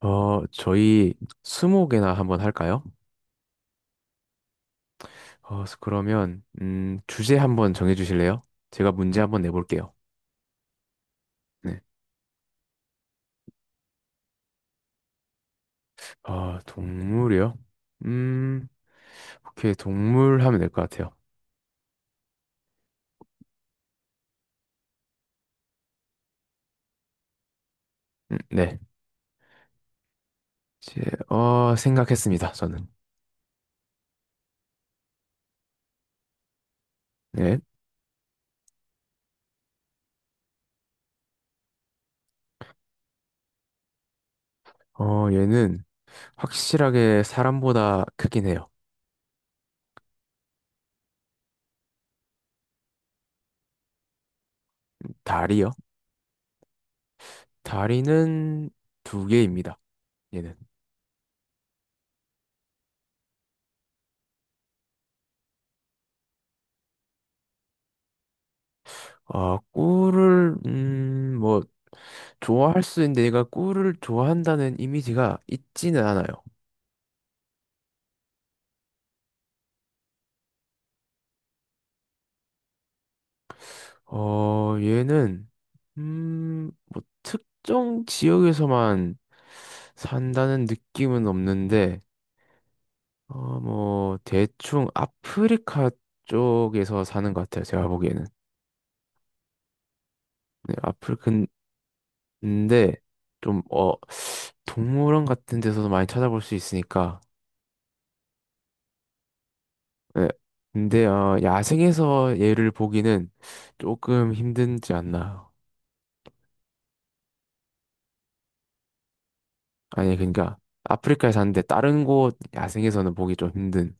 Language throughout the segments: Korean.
저희 스무고개나 한번 할까요? 그러면 주제 한번 정해 주실래요? 제가 문제 한번 내볼게요. 네. 아, 동물이요? 음, 오케이, 동물 하면 될 것 같아요. 네. 제, 생각했습니다, 저는. 네. 얘는 확실하게 사람보다 크긴 해요. 다리요? 다리는 두 개입니다. 얘는. 어, 꿀을, 음, 뭐, 좋아할 수 있는데 얘가 꿀을 좋아한다는 이미지가 있지는 않아요. 얘는 뭐 특정 지역에서만 산다는 느낌은 없는데 뭐 대충 아프리카 쪽에서 사는 것 같아요. 제가 보기에는. 네, 아프리카. 근데 좀 어, 동물원 같은 데서도 많이 찾아볼 수 있으니까. 네. 근데 야생에서 얘를 보기는 조금 힘든지 않나. 아니 그러니까 아프리카에 사는데 다른 곳 야생에서는 보기 좀 힘든.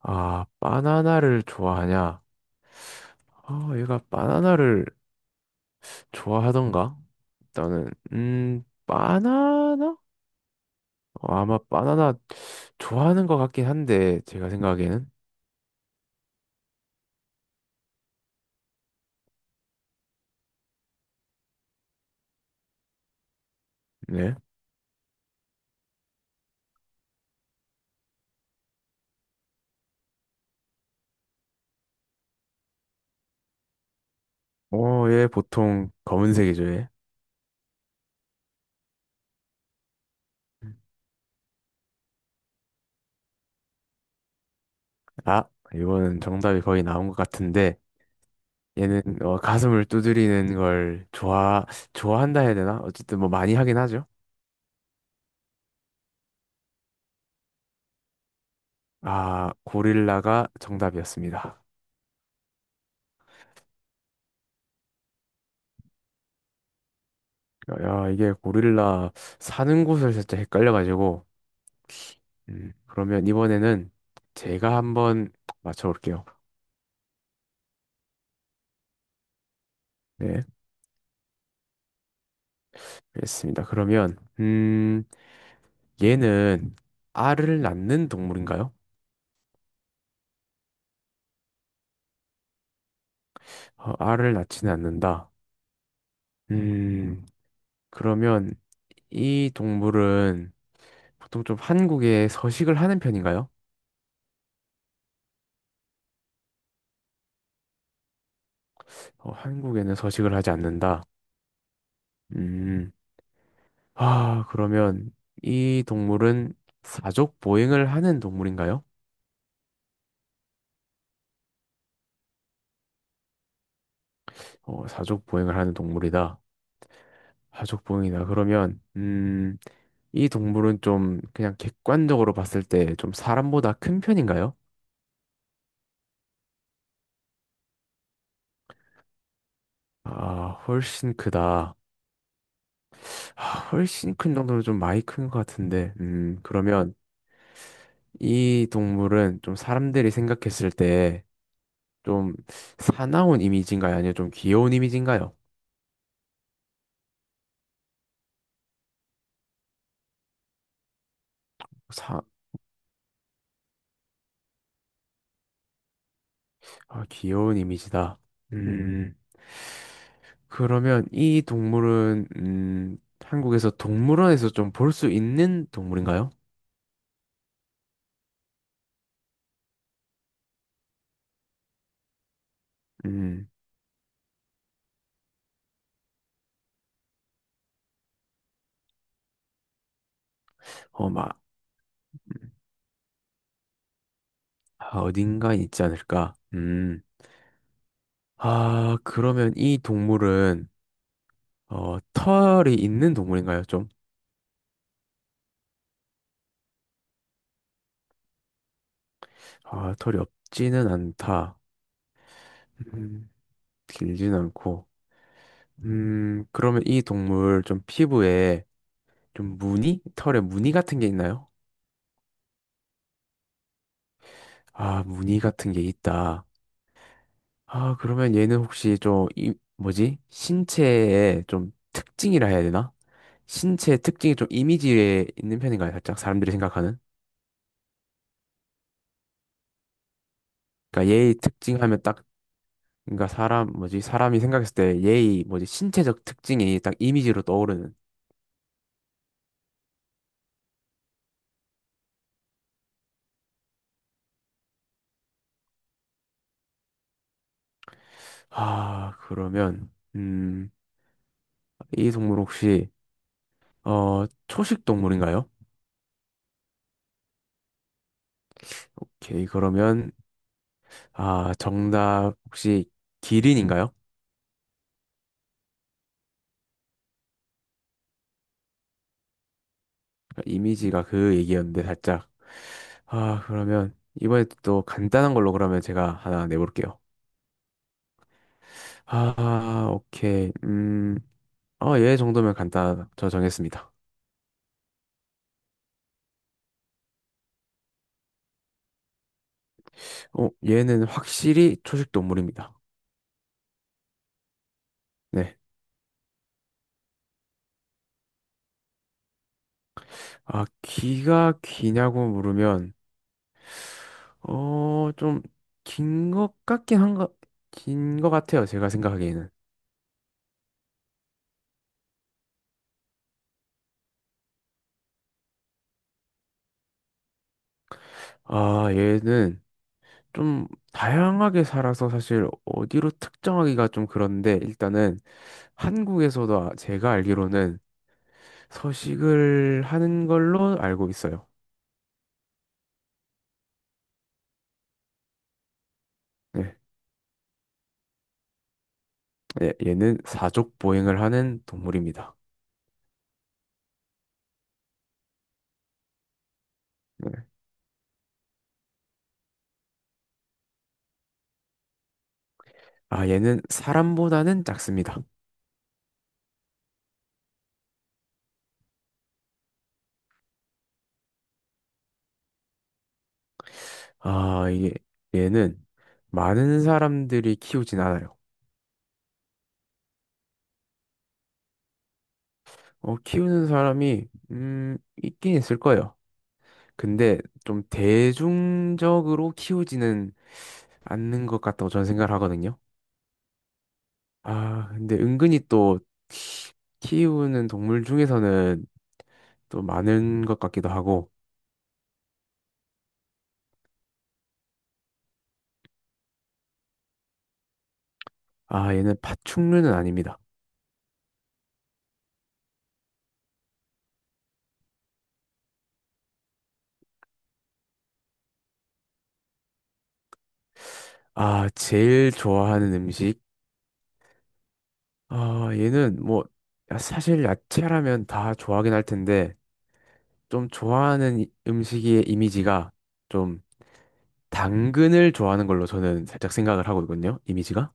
아 바나나를 좋아하냐? 아 얘가 바나나를 좋아하던가? 일단은 바나나? 아마 바나나 좋아하는 것 같긴 한데 제가 생각에는. 네. 어 얘 보통 검은색이죠 얘. 아 이거는 정답이 거의 나온 것 같은데 얘는 가슴을 두드리는 걸 좋아한다 해야 되나? 어쨌든 뭐 많이 하긴 하죠. 아, 고릴라가 정답이었습니다. 야, 이게 고릴라 사는 곳을 살짝 헷갈려가지고, 그러면 이번에는 제가 한번 맞춰볼게요. 네, 알겠습니다. 그러면, 얘는 알을 낳는 동물인가요? 알을 낳지는 않는다. 음, 그러면 이 동물은 보통 좀 한국에 서식을 하는 편인가요? 한국에는 서식을 하지 않는다. 음, 아, 그러면 이 동물은 사족 보행을 하는 동물인가요? 사족 보행을 하는 동물이다. 사족 보행이다. 그러면 이 동물은 좀 그냥 객관적으로 봤을 때 좀 사람보다 큰 편인가요? 아, 훨씬 크다. 아, 훨씬 큰 정도로 좀 많이 큰 것 같은데. 그러면 이 동물은 좀 사람들이 생각했을 때 좀 사나운 이미지인가요? 아니면 좀 귀여운 이미지인가요? 사, 아, 귀여운 이미지다. 음. 그러면 이 동물은, 한국에서 동물원에서 좀 볼 수 있는 동물인가요? 음, 어, 막, 아, 어딘가 있지 않을까? 아, 그러면 이 동물은, 털이 있는 동물인가요, 좀? 아, 털이 없지는 않다. 음, 길진 않고. 그러면 이 동물 좀 피부에 좀 무늬? 털에 무늬 같은 게 있나요? 아, 무늬 같은 게 있다. 아, 그러면 얘는 혹시 좀, 이, 뭐지? 신체의 좀 특징이라 해야 되나? 신체 특징이 좀 이미지에 있는 편인가요? 살짝 사람들이 생각하는? 그러니까 얘의 특징 하면 딱, 그러니까 사람, 뭐지? 사람이 생각했을 때 얘의 뭐지? 신체적 특징이 딱 이미지로 떠오르는. 아, 그러면, 음, 이 동물 혹시, 초식 동물인가요? 오케이, 그러면, 아, 정답 혹시 기린인가요? 이미지가 그 얘기였는데 살짝. 아, 그러면 이번에 또 간단한 걸로 그러면 제가 하나 내볼게요. 아, 오케이. 얘 정도면 간단하다. 저 정했습니다. 얘는 확실히 초식 동물입니다. 네. 아, 귀가 기냐고 물으면, 어, 좀, 긴 것 같긴 한 것, 긴 것 같아요. 제가 생각하기에는. 아, 얘는 좀 다양하게 살아서 사실 어디로 특정하기가 좀 그런데 일단은 한국에서도 제가 알기로는 서식을 하는 걸로 알고 있어요. 네. 예, 얘는 사족 보행을 하는 동물입니다. 네. 아, 얘는 사람보다는 작습니다. 아, 이게 얘는 많은 사람들이 키우진 않아요. 키우는 사람이 있긴 있을 거예요. 근데 좀 대중적으로 키우지는 않는 것 같다고 저는 생각을 하거든요. 아, 근데 은근히 또 키우는 동물 중에서는 또 많은 것 같기도 하고, 아, 얘는 파충류는 아닙니다. 아, 제일 좋아하는 음식? 아, 얘는 뭐, 야, 사실 야채라면 다 좋아하긴 할 텐데, 음식의 이미지가 좀 당근을 좋아하는 걸로 저는 살짝 생각을 하고 있거든요. 이미지가.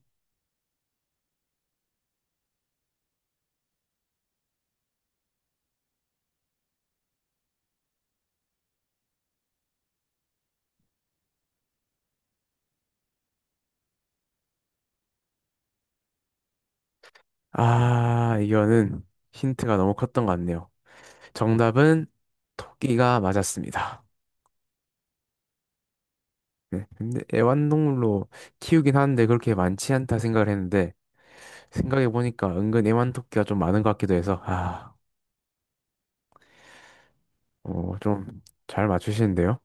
아, 이거는 힌트가 너무 컸던 것 같네요. 정답은 토끼가 맞았습니다. 네, 근데 애완동물로 키우긴 하는데 그렇게 많지 않다 생각을 했는데 생각해 보니까 은근 애완토끼가 좀 많은 것 같기도 해서 아. 좀 잘 맞추시는데요.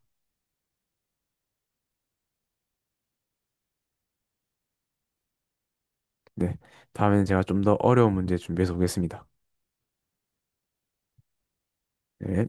네. 다음에는 제가 좀 더 어려운 문제 준비해서 오겠습니다. 네.